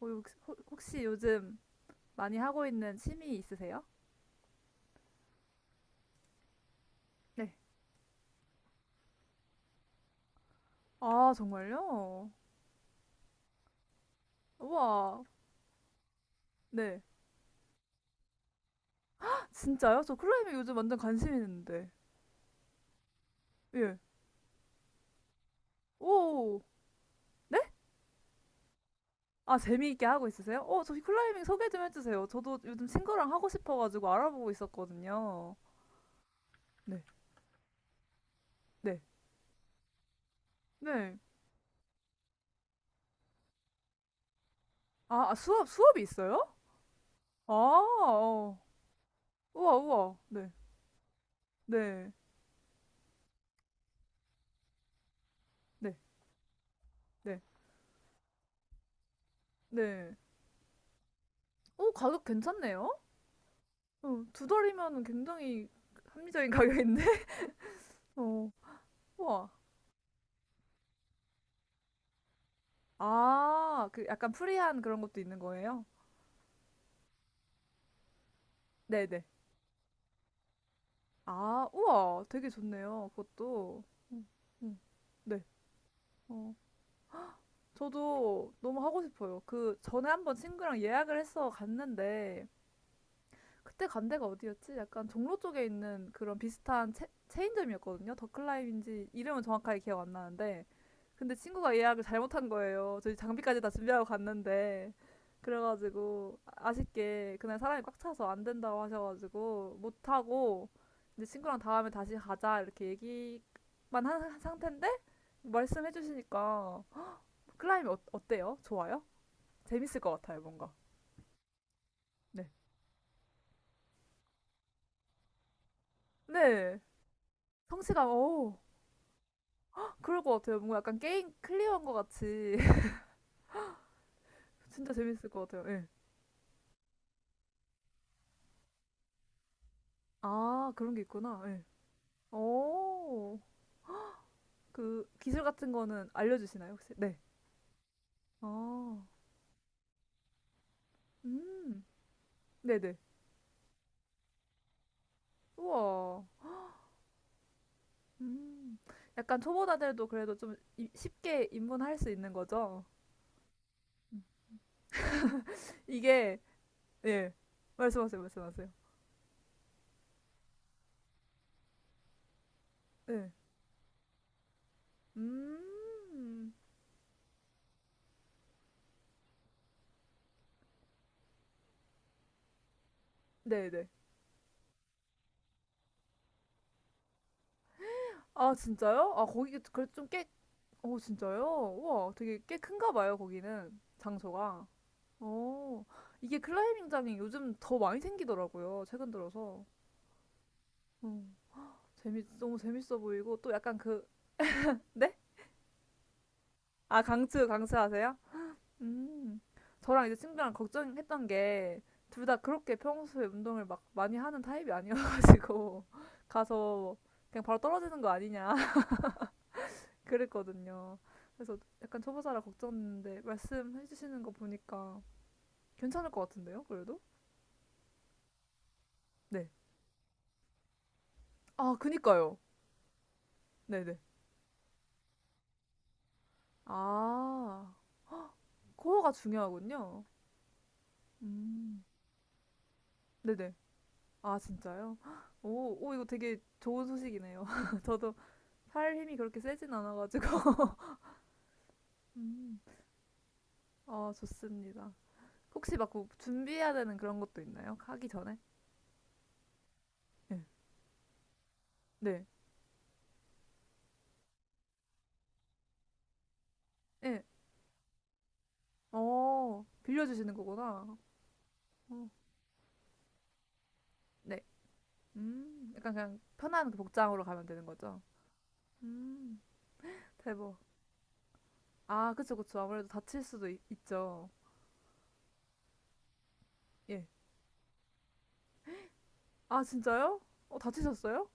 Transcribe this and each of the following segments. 어, 혹시 요즘 많이 하고 있는 취미 있으세요? 네. 아, 정말요? 우와. 네. 진짜요? 저 클라이밍 요즘 완전 관심 있는데. 예. 오. 네? 아, 재미있게 하고 있으세요? 어, 저기 클라이밍 소개 좀 해주세요. 저도 요즘 친구랑 하고 싶어가지고 알아보고 있었거든요. 네. 네. 네. 아, 아, 수업이 있어요? 아, 어. 우와, 우와. 네. 네. 네. 네. 네. 오, 가격 괜찮네요? 어, 두 달이면 굉장히 합리적인 가격인데? 어, 우와. 아, 그 약간 프리한 그런 것도 있는 거예요? 네네. 아, 우와. 되게 좋네요. 그것도. 음, 음, 네. 어, 저도 너무 하고 싶어요. 그 전에 한번 친구랑 예약을 해서 갔는데, 그때 간 데가 어디였지? 약간 종로 쪽에 있는 그런 비슷한 체인점이었거든요. 더클라임인지 이름은 정확하게 기억 안 나는데. 근데 친구가 예약을 잘못한 거예요. 저희 장비까지 다 준비하고 갔는데. 그래가지고 아쉽게 그날 사람이 꽉 차서 안 된다고 하셔가지고 못 하고 이제 친구랑 다음에 다시 가자 이렇게 얘기만 한 상태인데 말씀해 주시니까 클라임이 어때요? 좋아요? 재밌을 것 같아요, 뭔가. 네. 네. 성씨가 오 그럴 것 같아요. 뭔가 약간 게임 클리어한 것 같이 진짜 재밌을 것 같아요. 예. 아 그런 게 있구나. 예. 오, 그 기술 같은 거는 알려주시나요 혹시? 네. 아, 음, 네네. 우와. 음, 약간 초보자들도 그래도 좀 쉽게 입문할 수 있는 거죠? 이게 예. 말씀하세요, 말씀하세요. 네. 음, 네네. 아 진짜요? 아 거기 그래도 좀꽤 오 진짜요? 우와, 되게 꽤 큰가 봐요, 거기는. 장소가. 어, 이게 클라이밍장이 요즘 더 많이 생기더라고요, 최근 들어서. 음, 재밌, 너무 재밌어 보이고, 또 약간 그, 네? 아, 강추하세요? 음, 저랑 이제 친구랑 걱정했던 게, 둘 다 그렇게 평소에 운동을 막 많이 하는 타입이 아니어가지고, 가서 그냥 바로 떨어지는 거 아니냐, 그랬거든요. 그래서 약간 초보자라 걱정했는데, 말씀해주시는 거 보니까, 괜찮을 것 같은데요, 그래도? 네. 아, 그니까요. 네네. 아, 코어가 중요하군요. 음. 네네. 아, 진짜요? 헉, 오, 오, 이거 되게 좋은 소식이네요. 저도 팔 힘이 그렇게 세진 않아가지고. 음. 아, 좋습니다. 혹시 막 그 준비해야 되는 그런 것도 있나요? 하기 전에? 네. 네. 네. 어, 빌려주시는 거구나. 어. 네. 약간 그냥 편한 그 복장으로 가면 되는 거죠? 음, 대박. 아, 그쵸, 그쵸. 아무래도 다칠 수도 있, 죠 예. 아, 진짜요? 어, 다치셨어요?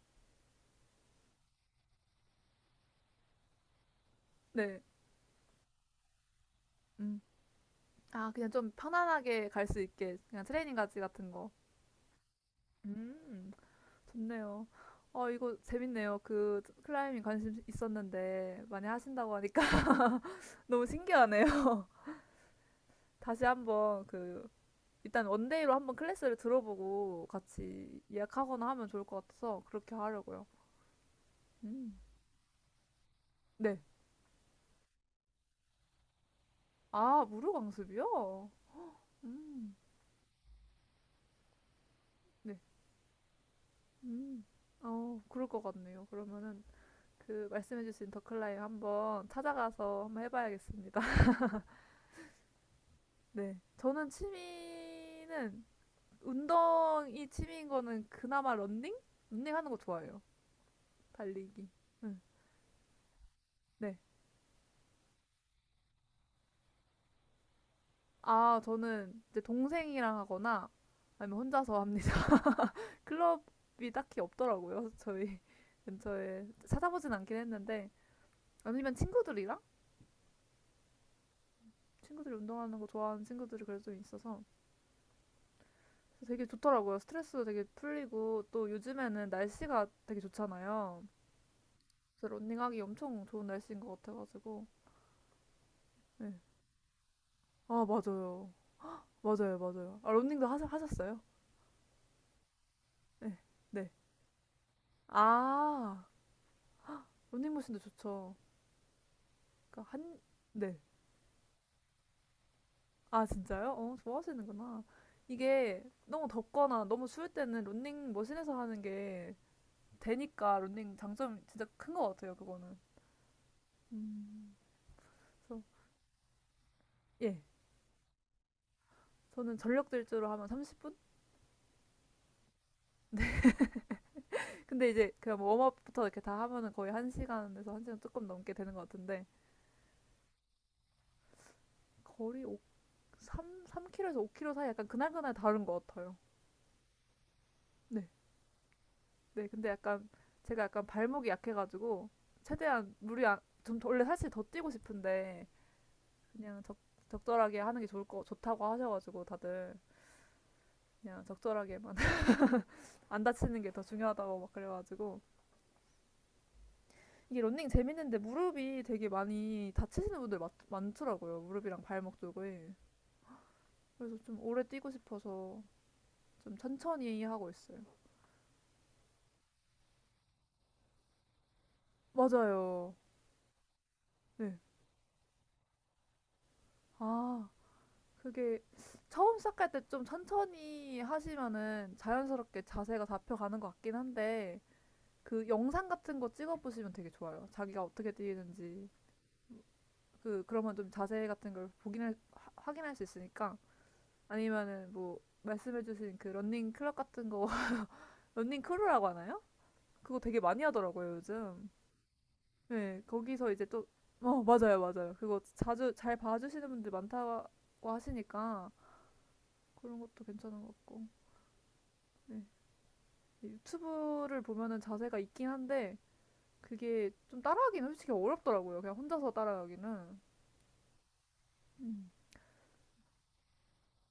네. 음. 아, 그냥 좀 편안하게 갈 수 있게. 그냥 트레이닝 가지 같은 거. 음, 좋네요. 어, 이거 재밌네요. 그, 클라이밍 관심 있었는데, 많이 하신다고 하니까 너무 신기하네요. 다시 한번 그, 일단 원데이로 한번 클래스를 들어보고 같이 예약하거나 하면 좋을 것 같아서 그렇게 하려고요. 음. 네. 아, 무료 강습이요? 음. 네. 음. 어, 그럴 것 같네요. 그러면은 그 말씀해주신 더클라임 한번 찾아가서 한번 해봐야겠습니다. 네. 저는 취미는 운동이 취미인 거는 그나마 런닝? 런닝 하는 거 좋아해요. 달리기. 응. 네. 아, 저는 이제 동생이랑 하거나 아니면 혼자서 합니다. 클럽이 딱히 없더라고요. 저희 근처에 찾아보진 않긴 했는데 아니면 친구들이랑 친구들이 운동하는 거 좋아하는 친구들이 그래도 좀 있어서 되게 좋더라고요. 스트레스도 되게 풀리고 또 요즘에는 날씨가 되게 좋잖아요. 그래서 런닝하기 엄청 좋은 날씨인 것 같아가지고. 네. 아, 맞아요. 맞아요, 맞아요. 아, 런닝도 하셨어요? 네. 네. 아, 런닝머신도 좋죠. 그러니까 한, 네. 아, 진짜요? 어, 좋아하시는구나. 이게 너무 덥거나 너무 추울 때는 런닝머신에서 하는 게 되니까 런닝 장점이 진짜 큰 것 같아요, 그거는. 음, 그래서, 예. 저는 전력 질주로 하면 30분? 근데 이제 그냥 뭐 웜업부터 이렇게 다 하면은 거의 1시간에서 한 시간 조금 넘게 되는 것 같은데 거리 3km에서 5km 사이 약간 그날그날 다른 것 같아요. 네. 네. 근데 약간 제가 약간 발목이 약해가지고 최대한 무리 안, 좀 원래 사실 더 뛰고 싶은데 그냥 적절하게 하는 게 좋을 거 좋다고 하셔가지고 다들 그냥 적절하게만 안 다치는 게 더 중요하다고 막 그래가지고 이게 런닝 재밌는데 무릎이 되게 많이 다치시는 분들 많더라고요. 무릎이랑 발목 쪽에. 그래서 좀 오래 뛰고 싶어서 좀 천천히 하고 있어요. 맞아요. 네. 아, 그게 처음 시작할 때 좀 천천히 하시면은 자연스럽게 자세가 잡혀가는 것 같긴 한데 그 영상 같은 거 찍어보시면 되게 좋아요. 자기가 어떻게 뛰는지. 그, 그러면 좀 자세 같은 걸 보긴, 확인할 수 있으니까. 아니면은 뭐, 말씀해주신 그 런닝 클럽 같은 거, 런닝 크루라고 하나요? 그거 되게 많이 하더라고요, 요즘. 네, 거기서 이제 또, 어, 맞아요, 맞아요. 그거 자주 잘 봐주시는 분들 많다고 하시니까 그런 것도 괜찮은 것 같고. 네. 유튜브를 보면은 자세가 있긴 한데 그게 좀 따라하기는 솔직히 어렵더라고요. 그냥 혼자서 따라하기는.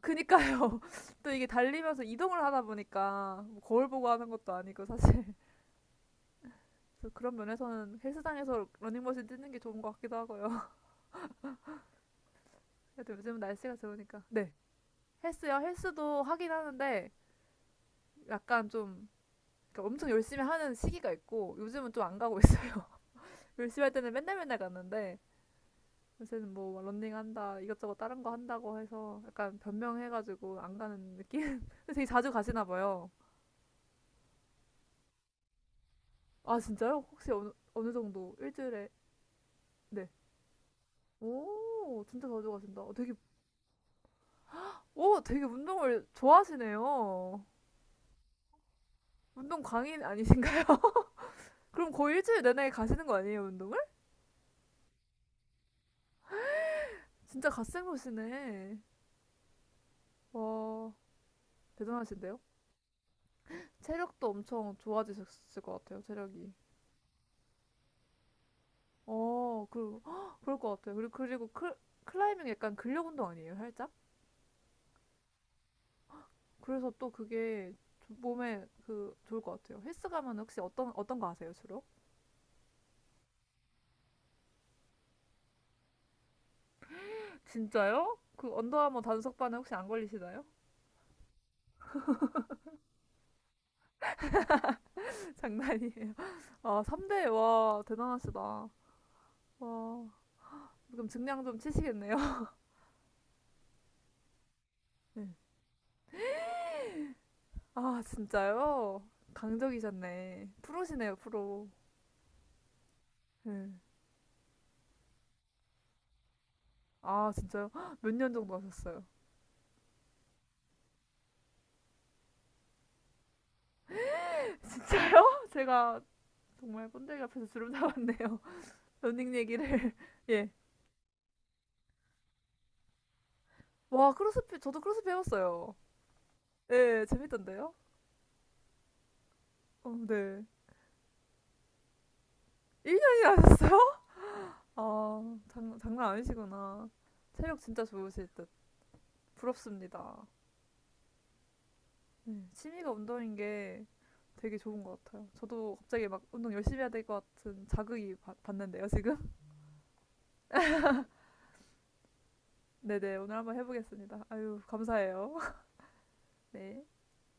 그니까요. 또 이게 달리면서 이동을 하다 보니까 뭐 거울 보고 하는 것도 아니고 사실. 그래서 그런 면에서는 헬스장에서 러닝머신 뛰는 게 좋은 것 같기도 하고요. 그래도 요즘은 날씨가 좋으니까. 네. 헬스요. 헬스도 하긴 하는데 약간 좀 그러니까 엄청 열심히 하는 시기가 있고 요즘은 좀 안 가고 있어요. 열심히 할 때는 맨날 맨날 갔는데 요새는 뭐 런닝 한다 이것저것 다른 거 한다고 해서 약간 변명해가지고 안 가는 느낌. 되게 자주 가시나 봐요. 아 진짜요? 혹시 어느 정도 일주일에 네. 오 진짜 자주 가신다. 어, 되게 오 되게 운동을 좋아하시네요. 운동 광인 아니신가요? 그럼 거의 일주일 내내 가시는 거 아니에요 운동을? 진짜 갓생 보시네. 와 대단하신데요? 체력도 엄청 좋아지셨을 것 같아요, 체력이. 어, 그리고, 헉, 그럴 것 같아요. 그리고, 그리고 클라이밍 약간 근력 운동 아니에요, 살짝? 그래서 또 그게 몸에 그, 좋을 것 같아요. 헬스 가면 혹시 어떤, 어떤 거 아세요, 주로? 진짜요? 그 언더아머 단속반에 혹시 안 걸리시나요? 장난이에요. 아, 3대, 와, 대단하시다. 와, 그럼 증량 좀 치시겠네요. 네. 아, 진짜요? 강적이셨네. 프로시네요, 프로. 네. 아, 진짜요? 헉, 몇 년 정도 하셨어요? 진짜요? 제가 정말 꼰대기 앞에서 주름 잡았네요. 러닝 얘기를. 예. 와, 크로스핏, 저도 크로스핏 해봤어요. 예, 재밌던데요? 어, 네. 1년이나 하셨어요? 아, 장난 아니시구나. 체력 진짜 좋으실 듯. 부럽습니다. 네, 취미가 운동인 게 되게 좋은 것 같아요. 저도 갑자기 막 운동 열심히 해야 될 것 같은 자극이 받는데요, 지금? 네네, 오늘 한번 해보겠습니다. 아유, 감사해요. 네.